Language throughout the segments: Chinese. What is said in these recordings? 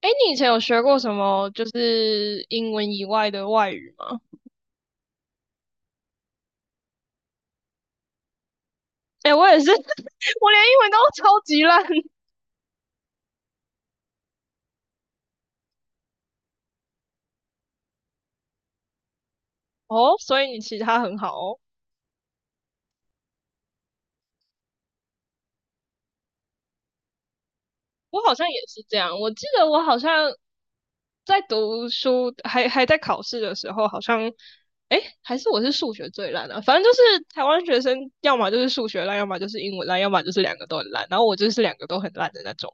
哎，你以前有学过什么就是英文以外的外语吗？哎，我也是，我连英文都超级烂 哦，所以你其他很好哦。我好像也是这样，我记得我好像在读书还在考试的时候，好像哎还是我是数学最烂的，反正就是台湾学生要么就是数学烂，要么就是英文烂，要么就是两个都很烂，然后我就是两个都很烂的那种。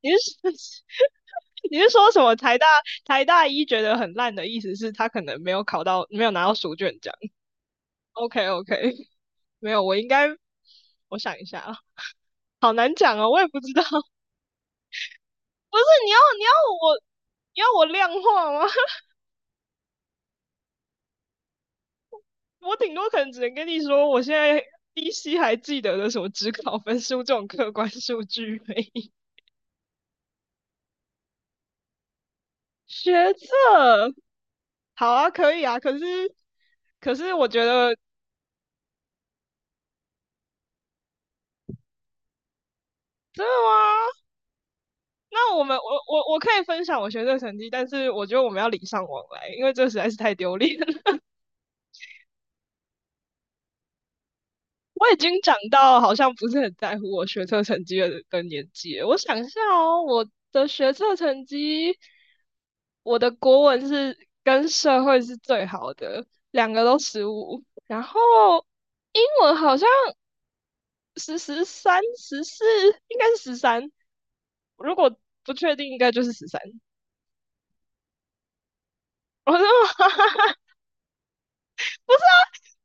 你是 你是说什么台大一觉得很烂的意思是他可能没有考到没有拿到书卷奖？OK OK，没有，我应该我想一下啊，好难讲啊，我也不知道。不是你要我你要我量化吗？我顶多可能只能跟你说，我现在依稀还记得的什么职考分数这种客观数据而已。 学测好啊，可以啊，可是我觉得真的吗？那我们我可以分享我学测成绩，但是我觉得我们要礼尚往来，因为这实在是太丢脸了。我已经长到好像不是很在乎我学测成绩的年纪了。我想一下哦，我的学测成绩，我的国文是跟社会是最好的，两个都15，然后英文好像十十三十四，应该是13，如果不确定应该就是13。我说 不是啊，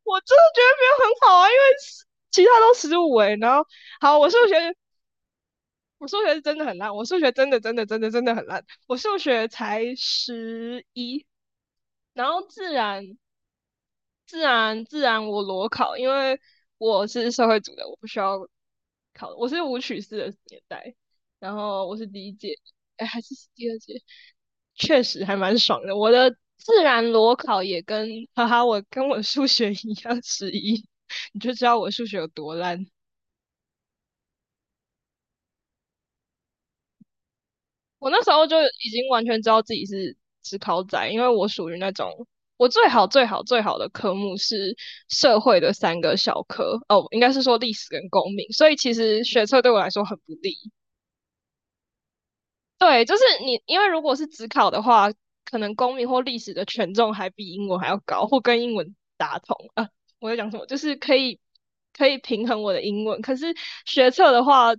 我真的觉得没有很好啊，因为是其他都15诶，然后好，我数学是真的很烂，我数学真的真的真的真的很烂，我数学才11，然后自然我裸考，因为我是社会组的，我不需要考，我是舞曲四的年代，然后我是第1届，哎还是第2届，确实还蛮爽的。我的自然裸考也跟哈哈，我跟我数学一样11，你就知道我数学有多烂。我那时候就已经完全知道自己是职考仔，因为我属于那种我最好最好最好的科目是社会的3个小科，哦，应该是说历史跟公民，所以其实学测对我来说很不利，对，就是你，因为如果是只考的话，可能公民或历史的权重还比英文还要高，或跟英文打同啊。我在讲什么？就是可以平衡我的英文。可是学测的话，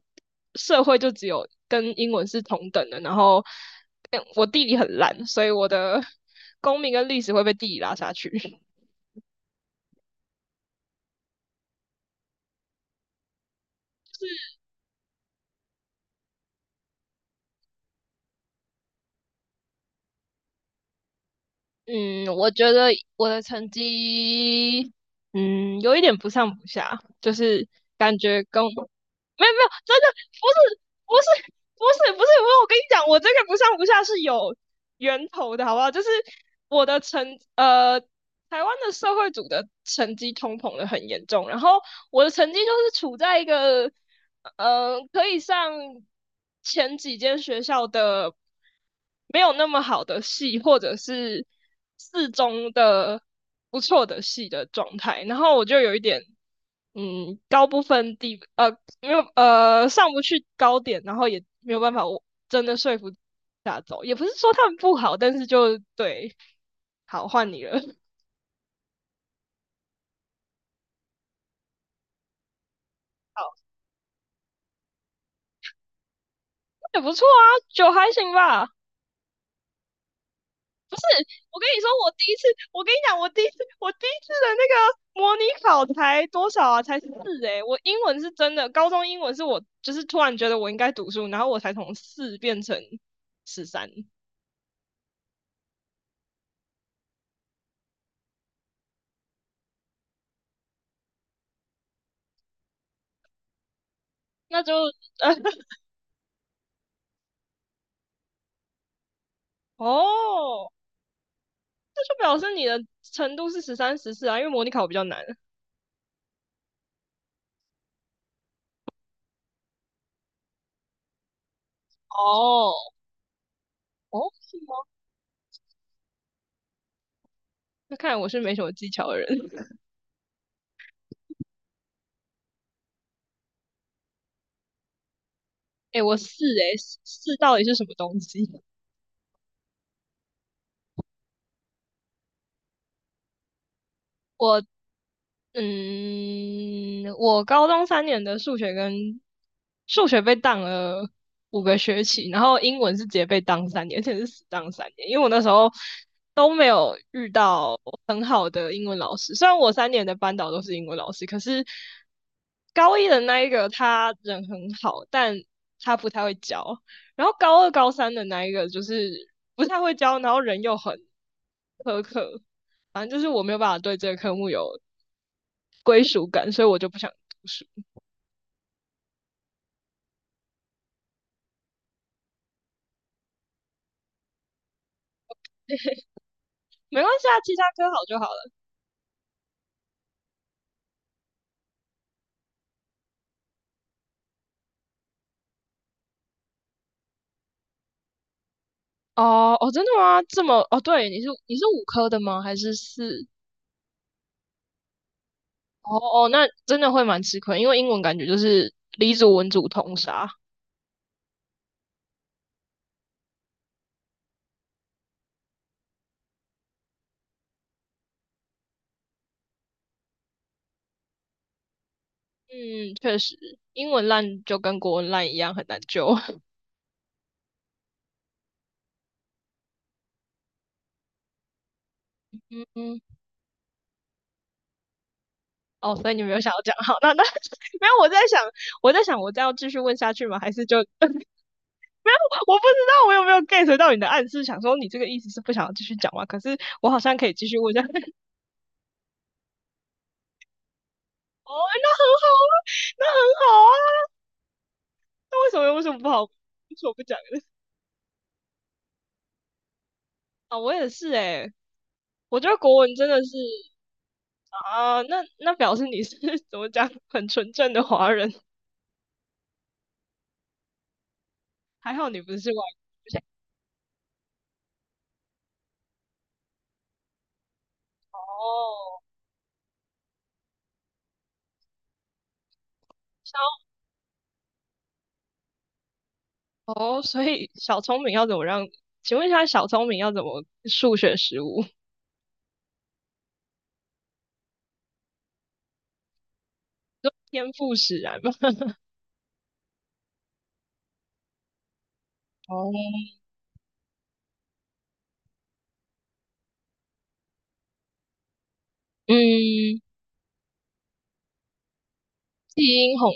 社会就只有跟英文是同等的。然后，嗯我地理很烂，所以我的 公民跟历史会被地理拉下去。嗯，我觉得我的成绩，嗯，有一点不上不下，就是感觉跟我没有没有，真的不是不是不是不是，我跟你讲，我这个不上不下是有源头的，好不好？就是我的成呃，台湾的社会组的成绩通膨的很严重，然后我的成绩就是处在一个。呃，可以上前几间学校的没有那么好的系，或者是四中的不错的系的状态，然后我就有一点，嗯，高不分低，呃，没有，呃，上不去高点，然后也没有办法，我真的说服大家走，也不是说他们不好，但是就对，好，换你了，好，也不错啊，9还行吧。我跟你说，我第一次，我跟你讲，我第一次，我第一次的那个模拟考才多少啊？才四诶、欸我英文是真的，高中英文是我就是突然觉得我应该读书，然后我才从4变成13，那就呃哦，那就表示你的程度是13、14啊，因为模拟考比较难。哦，哦,是吗？那看来我是没什么技巧的人。哎，我四哎四到底是什么东西？我嗯，我高中三年的数学跟数学被当了5个学期，然后英文是直接被当3年，而且是死当3年，因为我那时候都没有遇到很好的英文老师。虽然我3年的班导都是英文老师，可是高一的那一个他人很好，但他不太会教。然后高二、高三的那一个就是不太会教，然后人又很苛刻，反正就是我没有办法对这个科目有归属感，所以我就不想读书。没关系啊，其他科好就好了。哦哦，真的吗？这么哦，对，你是五科的吗？还是四？哦哦，那真的会蛮吃亏，因为英文感觉就是理组文组通杀。嗯，确实，英文烂就跟国文烂一样，很难救。嗯嗯，哦，所以你没有想要讲好，那没有，我在想，我在想，我再要继续问下去吗？还是就 我不知道我有没有 get 到你的暗示，想说你这个意思是不想要继续讲吗？可是我好像可以继续问下。哦，那很好啊，那很好啊，那为什么不好？为什么不讲呢？啊，我也是哎。我觉得国文真的是啊，那表示你是 怎么讲，很纯正的华人，还好你不是外国人哦。小哦，所以小聪明要怎么让？请问一下，小聪明要怎么数学15？天赋使然吗？哦，嗯，基因红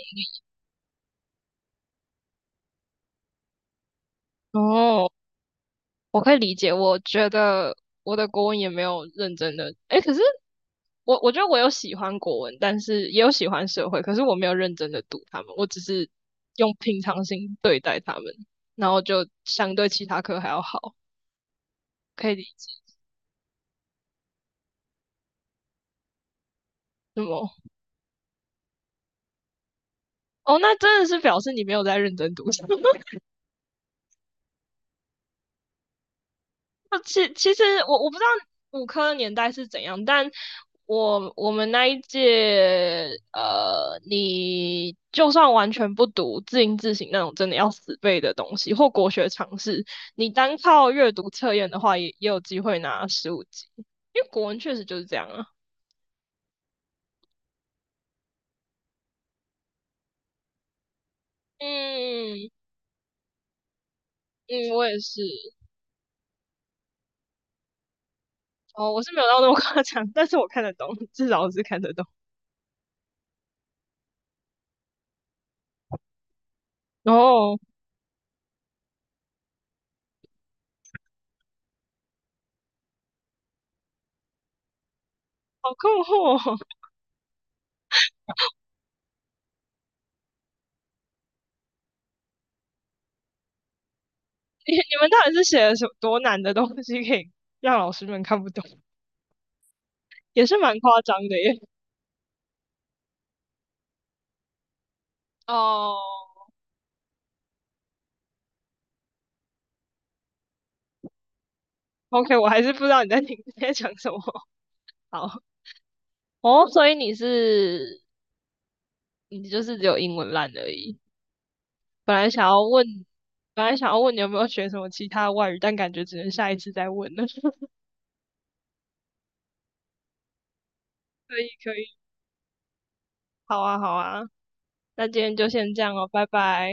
哦。我可以理解，我觉得我的国文也没有认真的，诶，可是我觉得我有喜欢国文，但是也有喜欢社会，可是我没有认真的读他们，我只是用平常心对待他们，然后就相对其他科还要好，可以理解。什么？哦，那真的是表示你没有在认真读书。那其其实我不知道五科的年代是怎样，但我们那一届，呃，你就算完全不读字音字形那种真的要死背的东西，或国学常识，你单靠阅读测验的话也，也有机会拿15级，因为国文确实就是这样啊。嗯嗯，我也是，哦，我是没有到那么夸张，但是我看得懂，至少我是看得懂。哦，好困惑哦。你你们到底是写了什么多难的东西，可以让老师们看不懂？也是蛮夸张的耶。哦，OK,我还是不知道你在听你在讲什么。好，哦，oh, 所以你是你就是只有英文烂而已。本来想要问，本来想要问你有没有学什么其他外语，但感觉只能下一次再问了。可以，可以，好啊，好啊，那今天就先这样哦，拜拜。